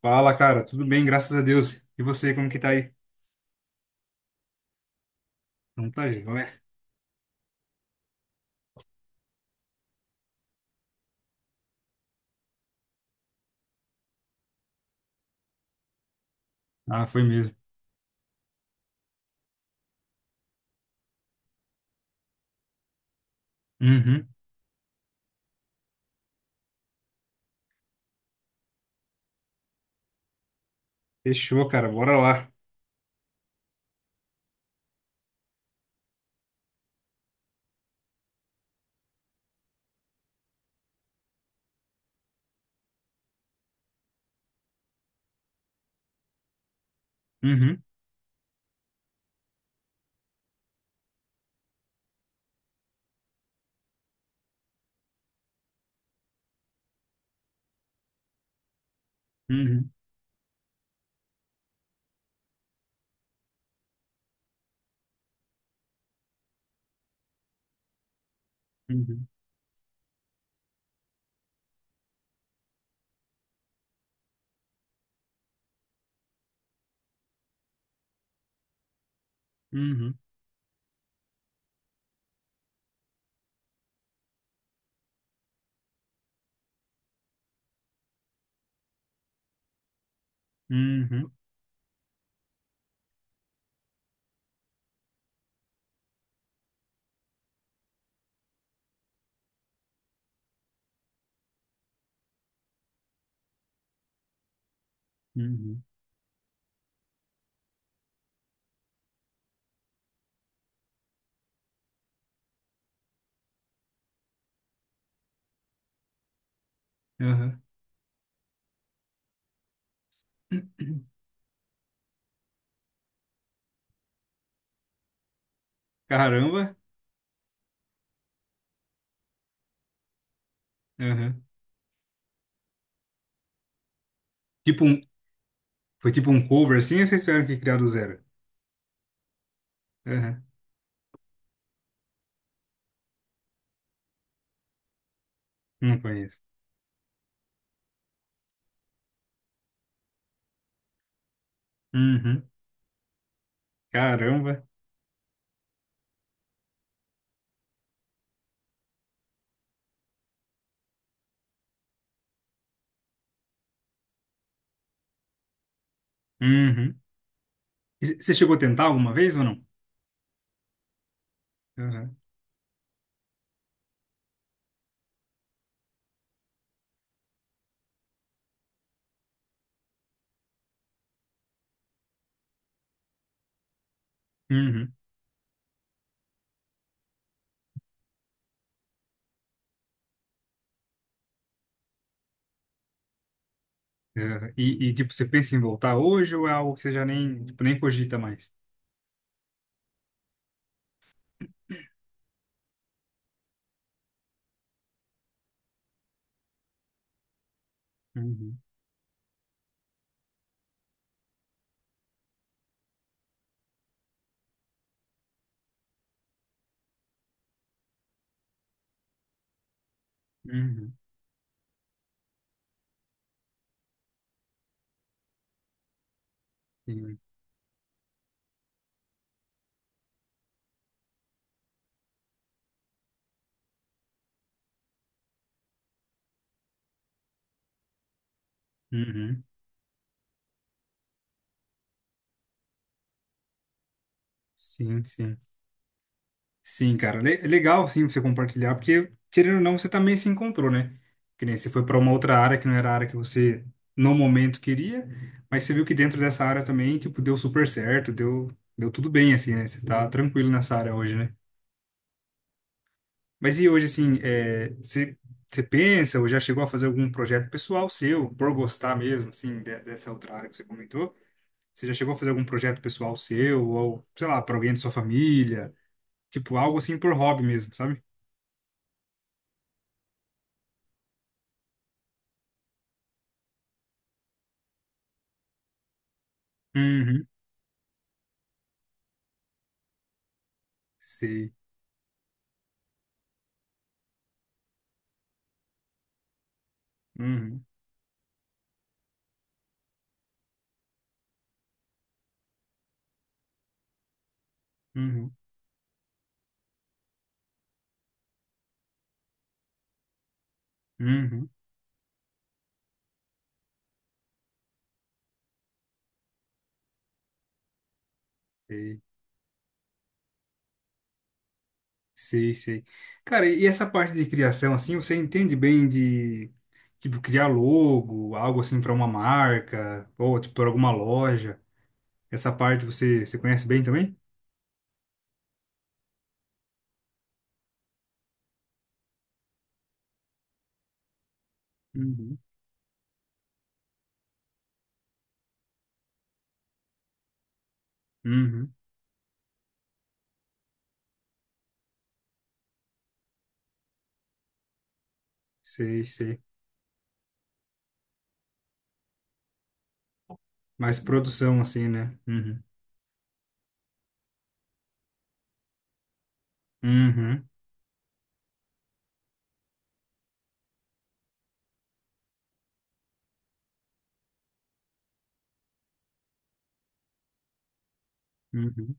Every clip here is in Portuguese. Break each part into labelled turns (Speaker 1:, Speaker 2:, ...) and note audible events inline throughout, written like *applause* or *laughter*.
Speaker 1: Fala, cara, tudo bem, graças a Deus. E você, como que tá aí? Não tá joia. Ah, foi mesmo. Uhum. Fechou, cara, bora lá. Uhum, uhum, uhum, uhum, uhum, uhum, aham. *clears throat* Caramba. Aham. Tipo um, Foi tipo um cover assim, ou vocês tiveram que criar do zero? Aham. Não conheço. Uhum. Caramba. Uhum. E você chegou a tentar alguma vez ou não? Aham. Uhum. Aham. E, tipo, você pensa em voltar hoje ou é algo que você já nem, tipo, nem cogita mais? Uhum, sim, uhum, sim, sim, sim, cara, le é legal, sim, você compartilhar, porque, querendo ou não, você também se encontrou, né, que nem você foi para uma outra área que não era a área que você, no momento, queria, mas você viu que dentro dessa área também, tipo, deu super certo, deu tudo bem, assim, né, você tá tranquilo nessa área hoje, né. Mas e hoje, assim, é, você pensa, ou já chegou a fazer algum projeto pessoal seu, por gostar mesmo, assim, dessa outra área que você comentou. Você já chegou a fazer algum projeto pessoal seu, ou, sei lá, para alguém da sua família? Tipo, algo assim por hobby mesmo, sabe? Uhum. Sei. Uhum. Uhum. Uhum. Sei. Sei, sei. Cara, e essa parte de criação, assim, você entende bem de, tipo, criar logo, algo assim para uma marca, ou, tipo, para alguma loja? Essa parte você conhece bem também? Uhum. Uhum. Sei, sei. Mais produção, assim, né? Uhum. Uhum. Uhum.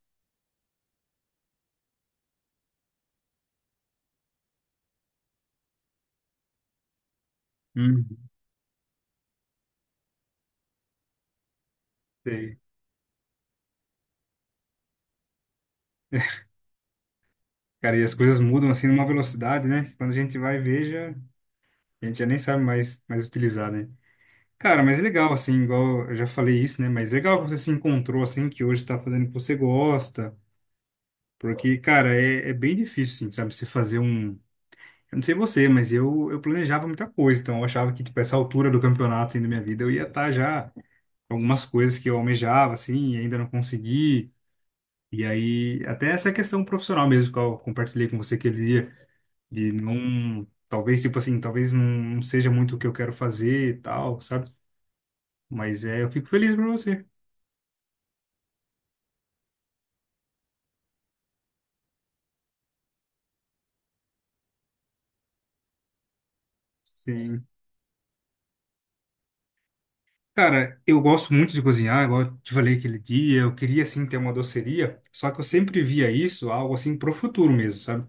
Speaker 1: Uhum. Sei. Cara, e as coisas mudam assim numa velocidade, né? que Quando a gente vai ver, já, a gente já nem sabe mais utilizar, né? Cara, mas é legal, assim, igual eu já falei isso, né? Mas é legal que você se encontrou, assim, que hoje está fazendo o que você gosta. Porque, cara, é bem difícil, assim, sabe? Você fazer um. Eu não sei você, mas eu planejava muita coisa. Então, eu achava que, tipo, essa altura do campeonato, assim, da minha vida, eu ia estar já com algumas coisas que eu almejava, assim, e ainda não consegui. E aí, até essa questão profissional mesmo, que eu compartilhei com você aquele dia. E não, talvez, tipo assim, talvez não seja muito o que eu quero fazer e tal, sabe? Mas é, eu fico feliz por você. Sim. Cara, eu gosto muito de cozinhar, igual eu te falei aquele dia, eu queria assim ter uma doceria, só que eu sempre via isso algo assim pro futuro mesmo, sabe?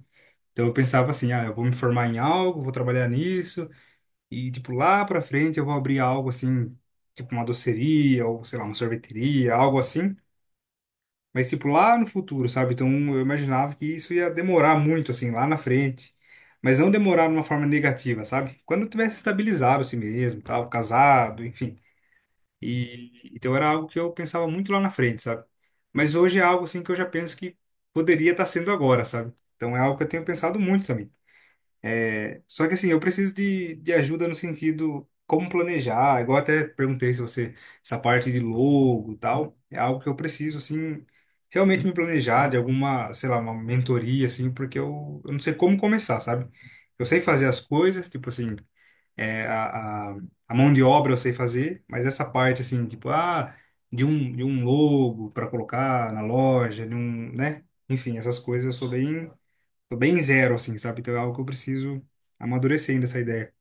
Speaker 1: Então eu pensava assim, ah, eu vou me formar em algo, vou trabalhar nisso e tipo lá pra frente eu vou abrir algo assim, tipo uma doceria ou sei lá, uma sorveteria, algo assim. Mas, tipo, lá no futuro, sabe? Então, eu imaginava que isso ia demorar muito, assim, lá na frente. Mas não demorar de uma forma negativa, sabe? Quando eu tivesse estabilizado assim mesmo, tal, casado, enfim. E, então, era algo que eu pensava muito lá na frente, sabe? Mas hoje é algo, assim, que eu já penso que poderia estar sendo agora, sabe? Então, é algo que eu tenho pensado muito também. É, só que assim, eu preciso de ajuda no sentido como planejar. Igual até perguntei se você, essa parte de logo e tal, é algo que eu preciso, assim, realmente me planejar de alguma, sei lá, uma mentoria, assim, porque eu não sei como começar, sabe? Eu sei fazer as coisas, tipo assim, é, a, a mão de obra eu sei fazer, mas essa parte, assim, tipo, ah, de um, logo para colocar na loja, de um, né? Enfim, essas coisas eu sou bem. Tô bem zero, assim, sabe? Então é algo que eu preciso amadurecer ainda essa ideia.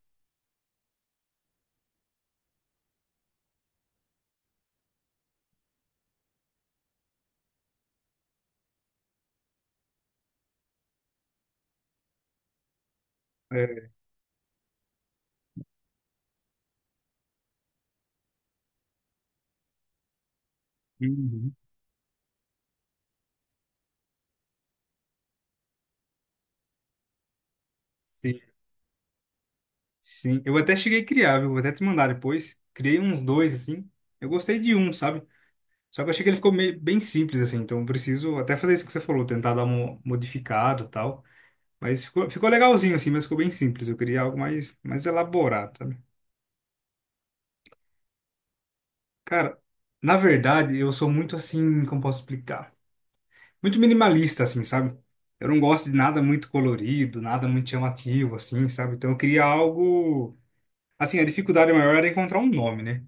Speaker 1: É. Uhum. Sim, sim. Eu até cheguei a criar, viu? Vou até te mandar depois. Criei uns dois, assim. Eu gostei de um, sabe? Só que eu achei que ele ficou meio, bem simples, assim. Então eu preciso até fazer isso que você falou, tentar dar um modificado e tal. Mas ficou legalzinho, assim, mas ficou bem simples. Eu queria algo mais elaborado, sabe? Cara, na verdade, eu sou muito assim, como posso explicar? Muito minimalista, assim, sabe? Eu não gosto de nada muito colorido, nada muito chamativo, assim, sabe? Então eu queria algo. Assim, a dificuldade maior era encontrar um nome, né?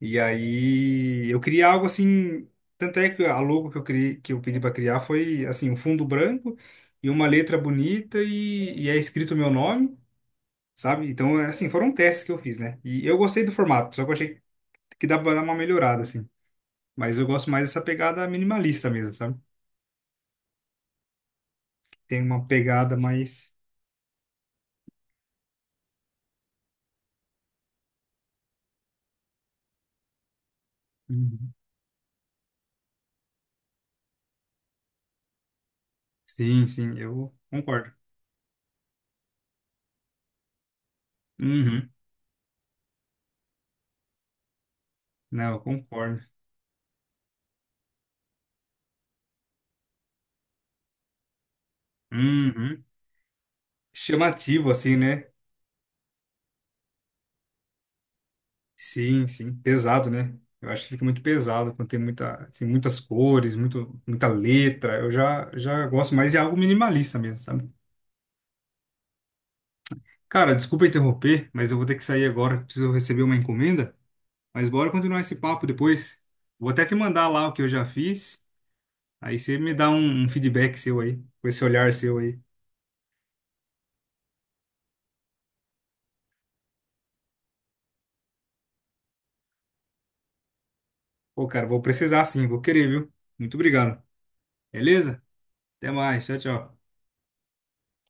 Speaker 1: E aí eu queria algo assim. Tanto é que a logo que eu criei, que eu pedi para criar foi assim, um fundo branco e uma letra bonita e é escrito o meu nome, sabe? Então, é, assim, foram testes que eu fiz, né? E eu gostei do formato, só que eu achei que dá pra dar uma melhorada, assim. Mas eu gosto mais dessa pegada minimalista mesmo, sabe? Tem uma pegada mais. Sim, sim, eu concordo. Uhum. Não, eu concordo. Uhum. Chamativo, assim, né? Sim, sim. Pesado, né? Eu acho que fica muito pesado quando tem muita, assim, muitas cores, muito, muita letra. Eu já gosto mais de algo minimalista mesmo, sabe? Cara, desculpa interromper, mas eu vou ter que sair agora, que preciso receber uma encomenda. Mas bora continuar esse papo depois. Vou até te mandar lá o que eu já fiz. Aí você me dá um feedback seu aí, com esse olhar seu aí. Pô, cara, vou precisar sim, vou querer, viu? Muito obrigado. Beleza? Até mais. Tchau, tchau.